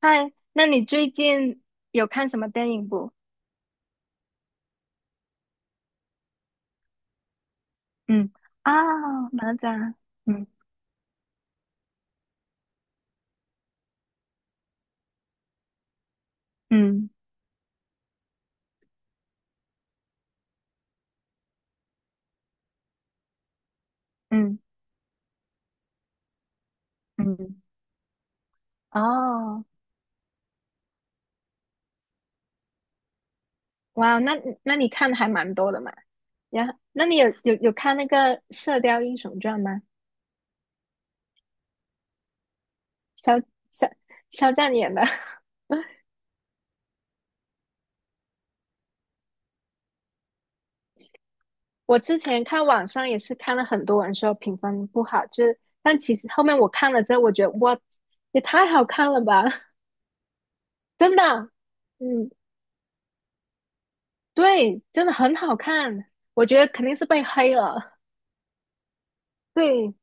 嗨，那你最近有看什么电影不？嗯，啊，哪吒，嗯嗯嗯嗯，哦，哇，那你看的还蛮多的嘛。然后，那你有看那个《射雕英雄传》吗？肖肖肖战演的。我之前看网上也是看了很多人说评分不好，就是但其实后面我看了之后，我觉得哇，也太好看了吧，真的啊，嗯。对，真的很好看，我觉得肯定是被黑了。对，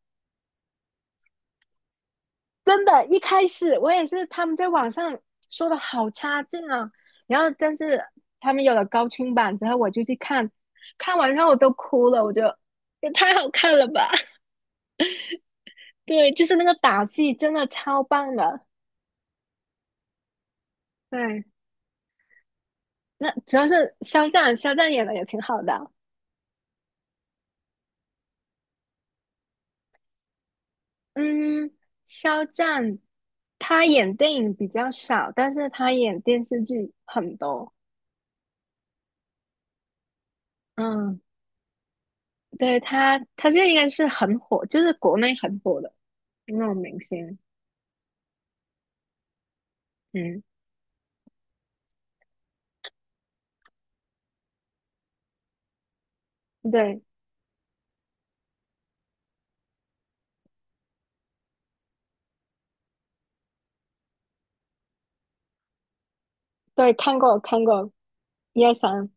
真的，一开始我也是他们在网上说的好差劲啊，然后但是他们有了高清版之后，我就去看，看完之后我都哭了，我觉得也太好看了吧！对，就是那个打戏真的超棒的。对，那主要是肖战，肖战演的也挺好的。嗯，肖战他演电影比较少，但是他演电视剧很多。嗯。对他现在应该是很火，就是国内很火的那种明星。嗯，对对，看过看过，一二三，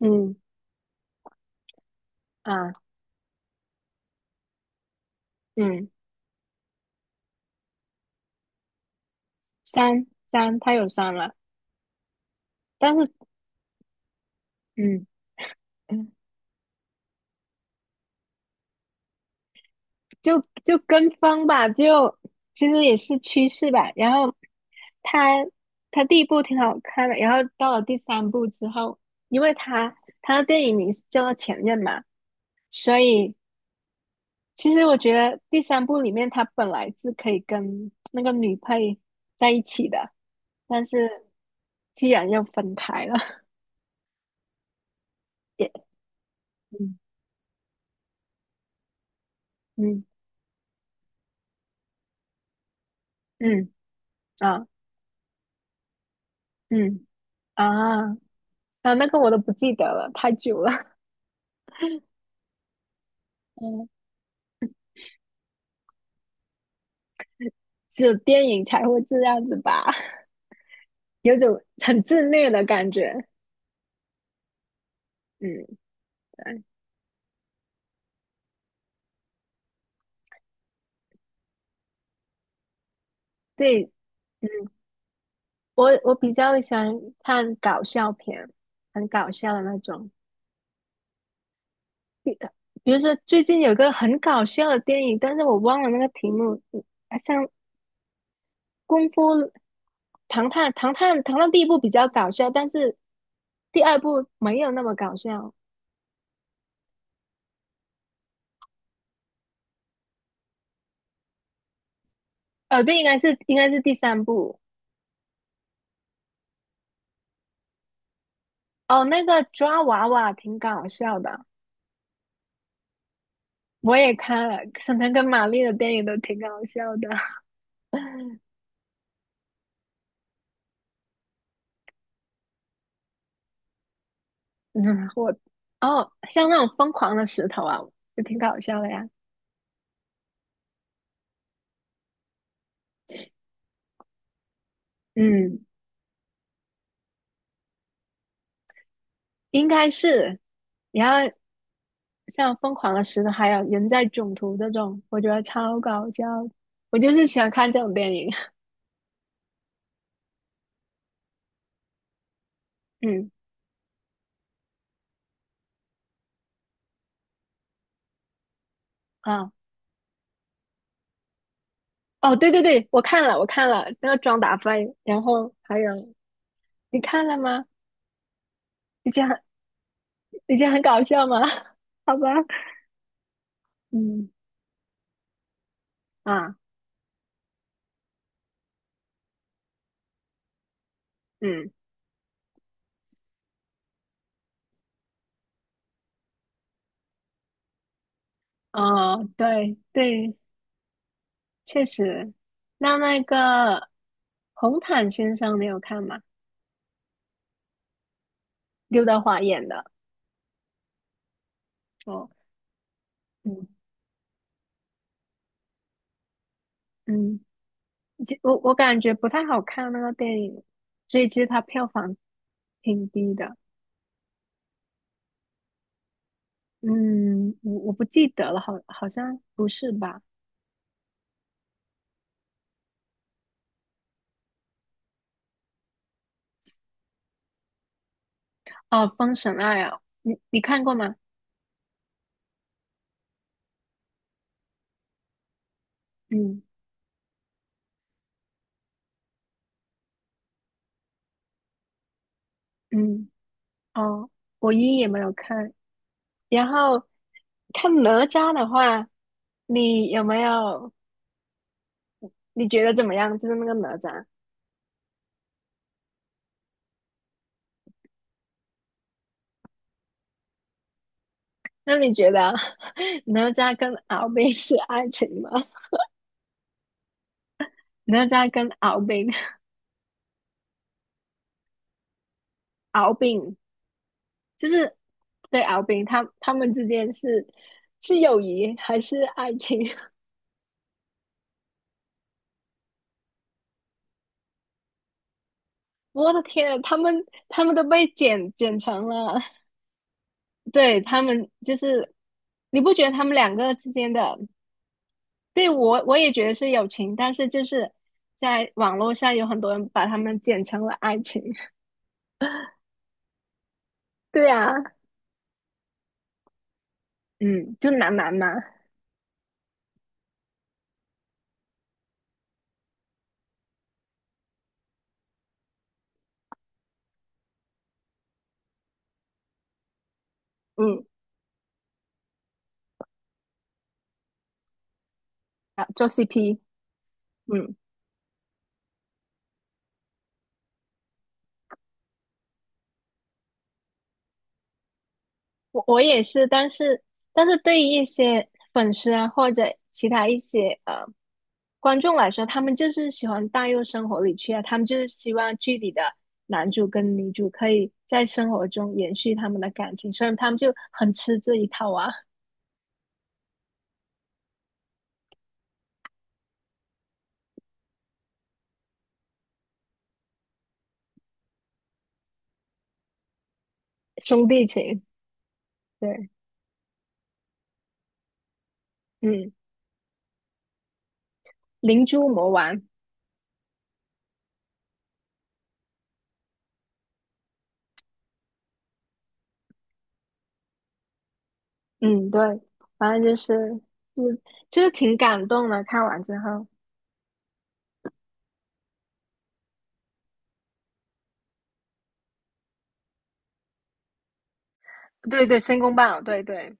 嗯啊嗯，三三，他有三了，但是嗯嗯，就跟风吧，就其实也是趋势吧。然后他他第一部挺好看的，然后到了第三部之后，因为他的电影名是叫做《前任》嘛，所以其实我觉得第三部里面他本来是可以跟那个女配在一起的，但是既然要分开了，也嗯嗯嗯啊嗯啊啊，那个我都不记得了，太久了。嗯，只有电影才会这样子吧，有种很自虐的感觉。嗯，对对，嗯，我比较喜欢看搞笑片，很搞笑的那种。比比如说最近有个很搞笑的电影，但是我忘了那个题目，像《功夫》《唐探》第一部比较搞笑，但是第二部没有那么搞笑。对，应该是第三部。哦，那个抓娃娃挺搞笑的，我也看了，沈腾跟马丽的电影都挺搞笑的。嗯，我哦，像那种疯狂的石头啊，就挺搞笑的呀。嗯，应该是。然后像《疯狂的石头》还有《人在囧途》这种，我觉得超搞笑。我就是喜欢看这种电影。嗯啊，哦，对对对，我看了，我看了那个《装打飞》，然后还有你看了吗？以前很以前很搞笑吗？好吧，嗯啊嗯哦，对对，确实。那个红毯先生，你有看吗？刘德华演的。哦，嗯嗯。我感觉不太好看那个电影，所以其实它票房挺低的。嗯，我不记得了，好像不是吧？哦，《封神二》啊，你看过吗？嗯嗯，哦，我一也没有看。然后看哪吒的话，你有没有？你觉得怎么样？就是那个哪吒，那你觉得 哪吒跟敖丙是爱情吗？哪吒跟敖丙，敖丙。就是对敖丙他们之间是友谊还是爱情？我的天啊，他们都被剪成了，对他们就是你不觉得他们两个之间的？对我也觉得是友情，但是就是在网络上有很多人把他们剪成了爱情。对啊，嗯，就男男嘛，嗯啊，做 CP,嗯。我也是，但是对于一些粉丝啊或者其他一些观众来说，他们就是喜欢带入生活里去啊，他们就是希望剧里的男主跟女主可以在生活中延续他们的感情，所以他们就很吃这一套啊，兄弟情，对，嗯，灵珠魔丸，嗯，对，反正就是，嗯，就是挺感动的，看完之后，对对，申公豹，对对，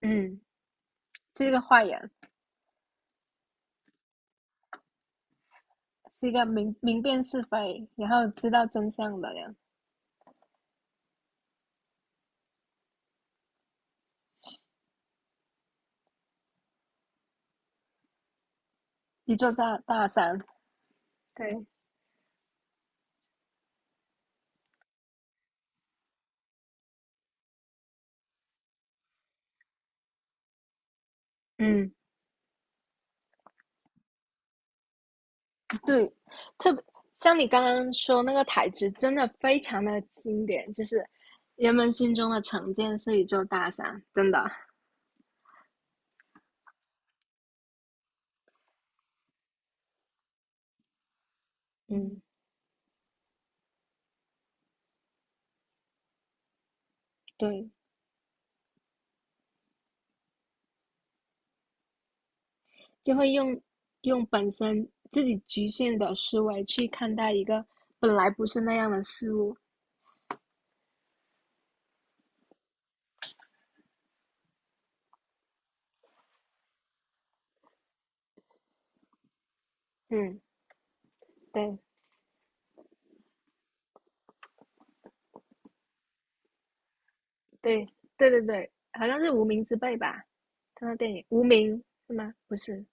嗯，这个坏人。是一个明辨是非，然后知道真相的人，一座大山。对，嗯，对，特别像你刚刚说那个台词，真的非常的经典，就是人们心中的成见是一座大山，真的，嗯，对，就会用本身自己局限的思维去看待一个本来不是那样的事物。嗯，对，对，对对对，好像是《无名之辈》吧？他的电影《无名》是吗？不是，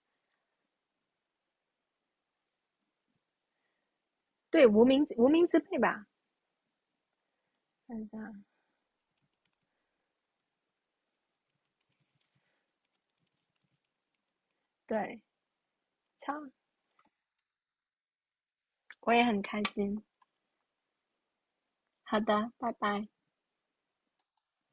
对，无名之辈吧，看一下，对，超，我也很开心。好的，拜拜。